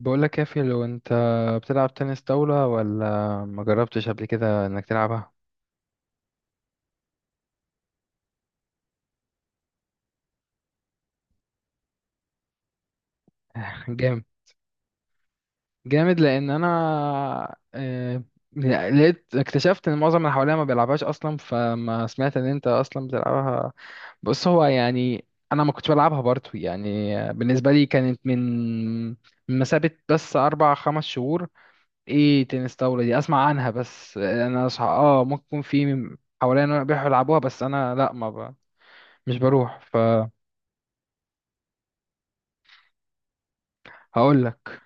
بقول لك يا في لو انت بتلعب تنس طاولة، ولا ما جربتش قبل كده انك تلعبها؟ جامد، جامد! لان انا آه، لقيت اكتشفت ان معظم اللي حواليا ما بيلعبهاش اصلا، فما سمعت ان انت اصلا بتلعبها. بص، هو يعني انا ما كنتش بلعبها برضه، يعني بالنسبة لي كانت من مسافة بس اربع خمس شهور، ايه تنس طاولة دي؟ اسمع عنها بس، انا صح، اه ممكن يكون في حواليا بيحبوا يلعبوها، بس انا لا، ما ب... مش بروح. هقول لك.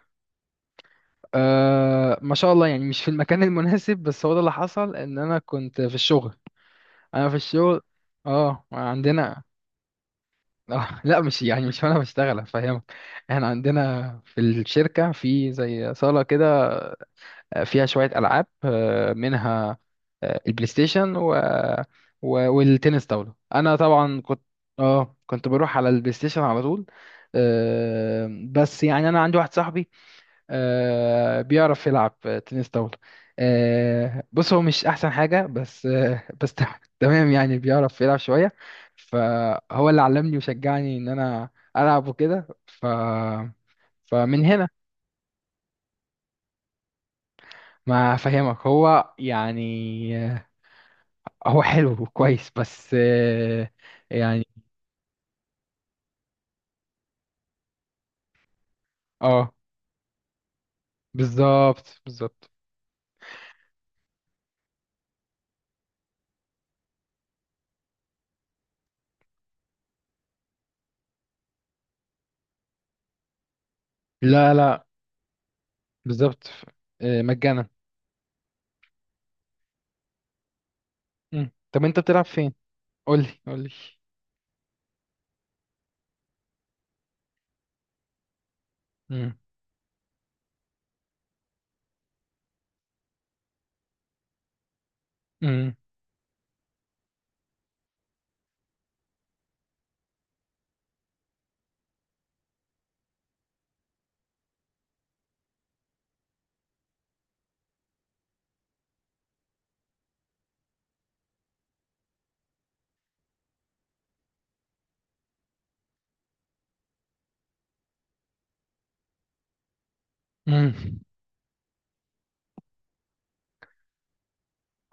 ما شاء الله، يعني مش في المكان المناسب، بس هو ده اللي حصل ان انا كنت في الشغل. انا في الشغل. اه عندنا لا، مش يعني مش وانا بشتغل، افهمك. احنا عندنا في الشركة في زي صالة كده، فيها شوية ألعاب، منها البلاي ستيشن والتنس طاولة. أنا طبعا كنت بروح على البلاي ستيشن على طول، بس يعني أنا عندي واحد صاحبي، بيعرف يلعب تنس طاولة. بص، هو مش أحسن حاجة بس بس تمام، يعني بيعرف يلعب شوية، فهو اللي علمني وشجعني إن أنا ألعب وكده، فمن هنا. ما أفهمك، هو يعني هو حلو وكويس بس، يعني. اه، بالظبط، بالظبط. لا، لا، بالظبط. مجانا. مم. طب انت بتلعب فين؟ قولي، قولي. مم. مم. مم.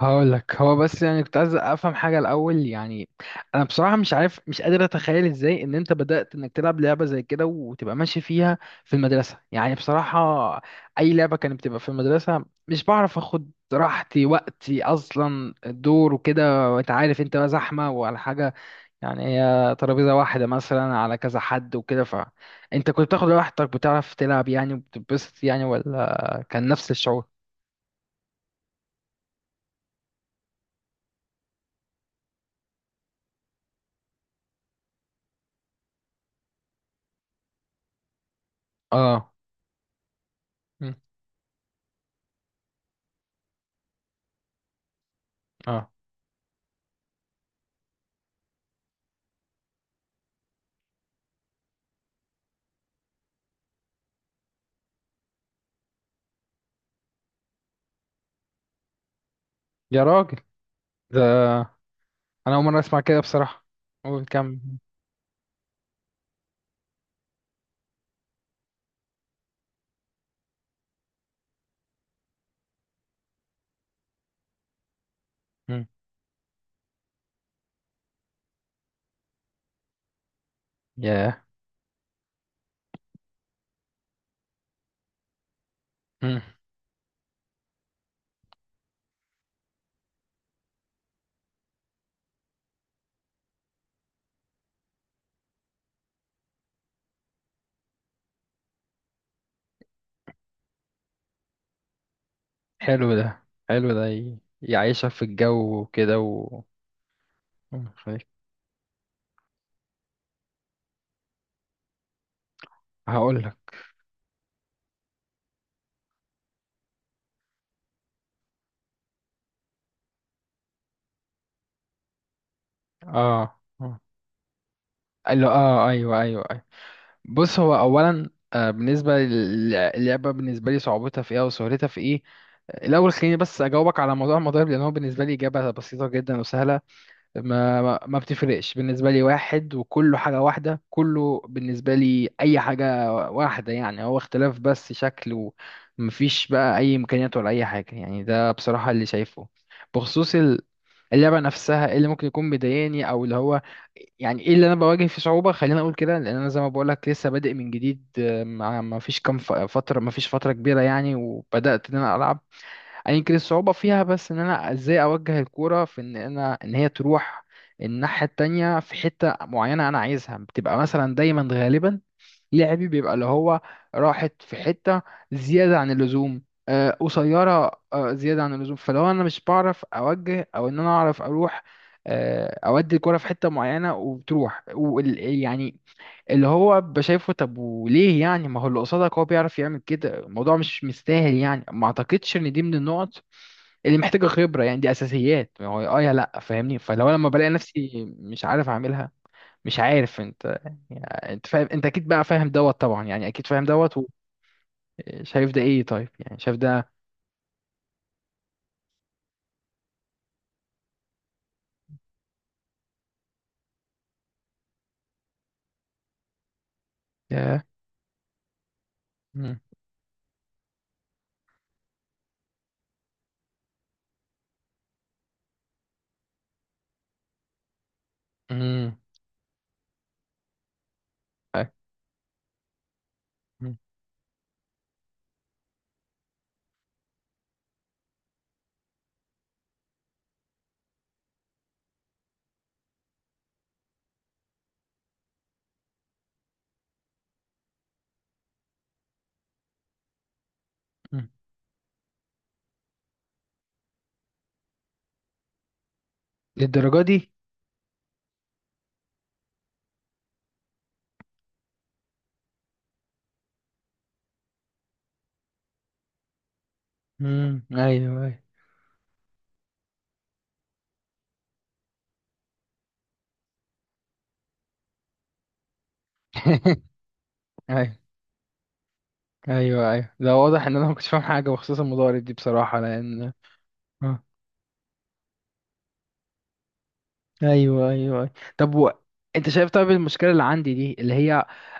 هقول لك، هو بس يعني كنت عايز افهم حاجه الاول، يعني انا بصراحه مش عارف، مش قادر اتخيل ازاي ان انت بدات انك تلعب لعبه زي كده وتبقى ماشي فيها في المدرسه، يعني بصراحه اي لعبه كانت بتبقى في المدرسه مش بعرف اخد راحتي وقتي اصلا، الدور وكده وانت عارف، انت بقى زحمه وعلى حاجه، يعني هي ترابيزه واحده مثلا على كذا حد وكده، فانت كنت بتاخد راحتك بتعرف تلعب يعني، وبتتبسط يعني، ولا كان نفس الشعور؟ اه. مم. اه، يا راجل! ده انا اول مره اسمع كده بصراحه. قول كم. مم. ياه. مم. حلو ده، حلو ده، يعيشها في الجو وكده و. مم، خليك. هقول لك. اه، آه. قال له اه، ايوه، ايوه، ايوه. بص، هو اولا بالنسبه للعبه، بالنسبه لي صعوبتها في ايه وسهولتها في ايه؟ الاول خليني بس اجاوبك على موضوع المضارب، لان هو بالنسبه لي اجابه بسيطه جدا وسهله. ما بتفرقش بالنسبة لي، واحد وكله حاجة واحدة، كله بالنسبة لي أي حاجة واحدة، يعني هو اختلاف بس شكل، ومفيش بقى أي إمكانيات ولا أي حاجة، يعني ده بصراحة اللي شايفه. بخصوص اللعبة نفسها، إيه اللي ممكن يكون مضايقني أو اللي هو يعني، إيه اللي أنا بواجه فيه صعوبة؟ خليني أقول كده لأن أنا زي ما بقولك لسه بادئ من جديد، مع ما فيش كام فترة، ما فيش فترة كبيرة يعني، وبدأت إن أنا ألعب. يعني يمكن الصعوبة فيها بس ان انا ازاي اوجه الكورة في ان انا ان هي تروح الناحية التانية في حتة معينة انا عايزها، بتبقى مثلا دايما غالبا لعبي بيبقى اللي هو راحت في حتة زيادة عن اللزوم، قصيرة زيادة عن اللزوم. فلو انا مش بعرف اوجه، او ان انا اعرف اروح اودي الكرة في حتة معينة وبتروح، يعني اللي هو بشايفه، طب وليه يعني؟ ما هو اللي قصادك هو بيعرف يعمل كده، الموضوع مش مستاهل يعني، ما اعتقدش ان دي من النقط اللي محتاجة خبرة، يعني دي اساسيات، ما هو اه يا لا فاهمني، فلو لما بلاقي نفسي مش عارف اعملها مش عارف، انت يعني انت فاهم، انت اكيد بقى فاهم دوت طبعا، يعني اكيد فاهم دوت، وشايف ده ايه؟ طيب يعني شايف ده. ياه. مم. مم. أي. مم. مم. للدرجة دي؟ مم. ايوه، ايوه. ايوه، ايوه، ده واضح ان انا ما كنتش فاهم حاجه بخصوص المضارب دي بصراحه، لان آه. ايوه، ايوه، أيوة. طب و. انت شايف طيب المشكله اللي عندي دي اللي هي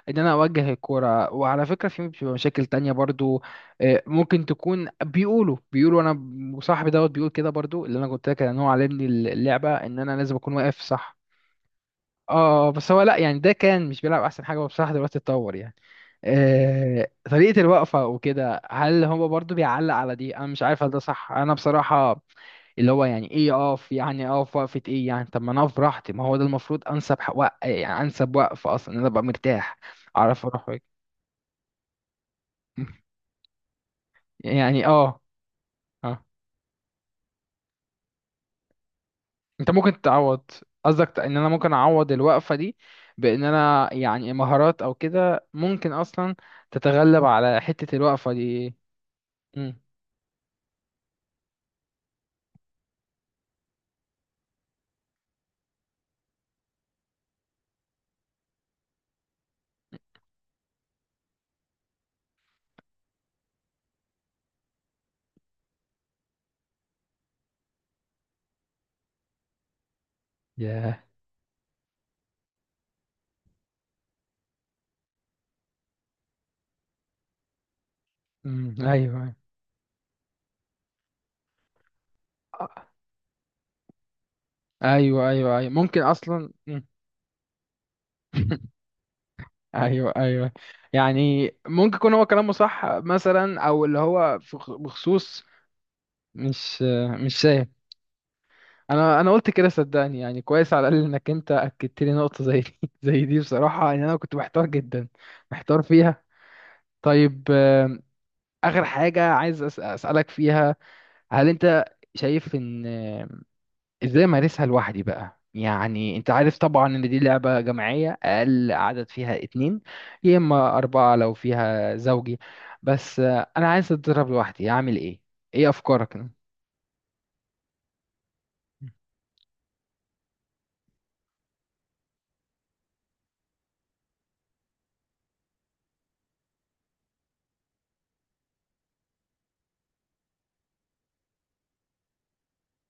ان انا اوجه الكوره، وعلى فكره في بتبقى مشاكل تانية برضو، ممكن تكون بيقولوا انا وصاحبي دوت بيقول كده برضو، اللي انا قلت لك ان هو علمني اللعبه، ان انا لازم اكون واقف صح. اه، بس هو لا يعني، ده كان مش بيلعب احسن حاجه، هو بصراحه دلوقتي اتطور يعني، طريقة الوقفة وكده، هل هو برضو بيعلق على دي؟ انا مش عارف هل ده صح، انا بصراحة اللي هو يعني، ايه اقف يعني؟ اقف وقفة ايه يعني؟ طب ما انا اقف براحتي، ما هو ده المفروض انسب حق يعني انسب وقف اصلا، إن انا ابقى مرتاح، اعرف اروح وأجي. يعني اه. اه. انت ممكن تعوض، قصدك ان انا ممكن اعوض الوقفة دي بان انا يعني مهارات او كده؟ ممكن اصلا تتغلب على حتة الوقفة دي إيه؟ امم. ياه. امم، ايوه. أيوه. ايوه، ايوه، ايوه، ممكن اصلا. مم. ايوه، ايوه. يعني ممكن يكون هو كلامه صح مثلا، او اللي هو في بخصوص. مش مش شايف. انا قلت كده، صدقني يعني، كويس على الاقل انك انت اكدت لي نقطه زي دي، زي دي بصراحه، ان انا كنت محتار جدا، محتار فيها. طيب اخر حاجه عايز اسالك فيها، هل انت شايف ان، ازاي امارسها لوحدي بقى؟ يعني انت عارف طبعا ان دي لعبة جماعية اقل عدد فيها اتنين، يا اما اربعة لو فيها زوجي، بس انا عايز اتدرب لوحدي، اعمل ايه؟ ايه افكارك؟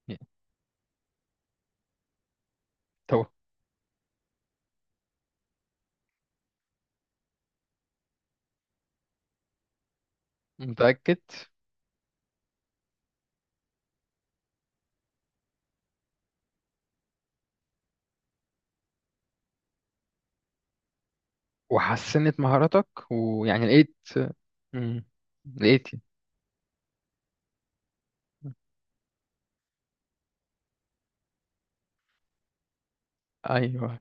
طب. متأكد؟ وحسنت مهاراتك؟ ويعني لقيت. مم. لقيت. ايوه،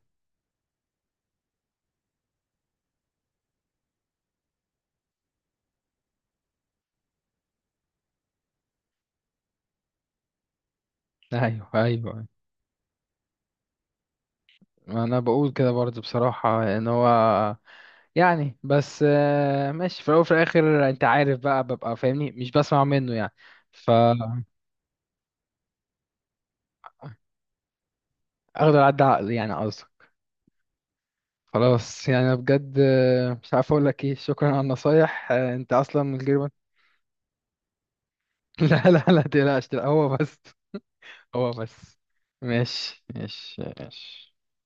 ايوه، ايوه. انا بقول كده برضه بصراحة، ان هو يعني بس ماشي في الاول وفي الاخر، انت عارف بقى، ببقى فاهمني مش بسمع منه يعني، فا. اخدر عدى عقلي يعني، قصدي. خلاص يعني، أنا بجد مش عارف اقول لك ايه، شكرا على النصايح، انت اصلا من غير ما. لا، لا، لا تقلقش، لا هو بس. هو بس. ماشي، ماشي، ماشي.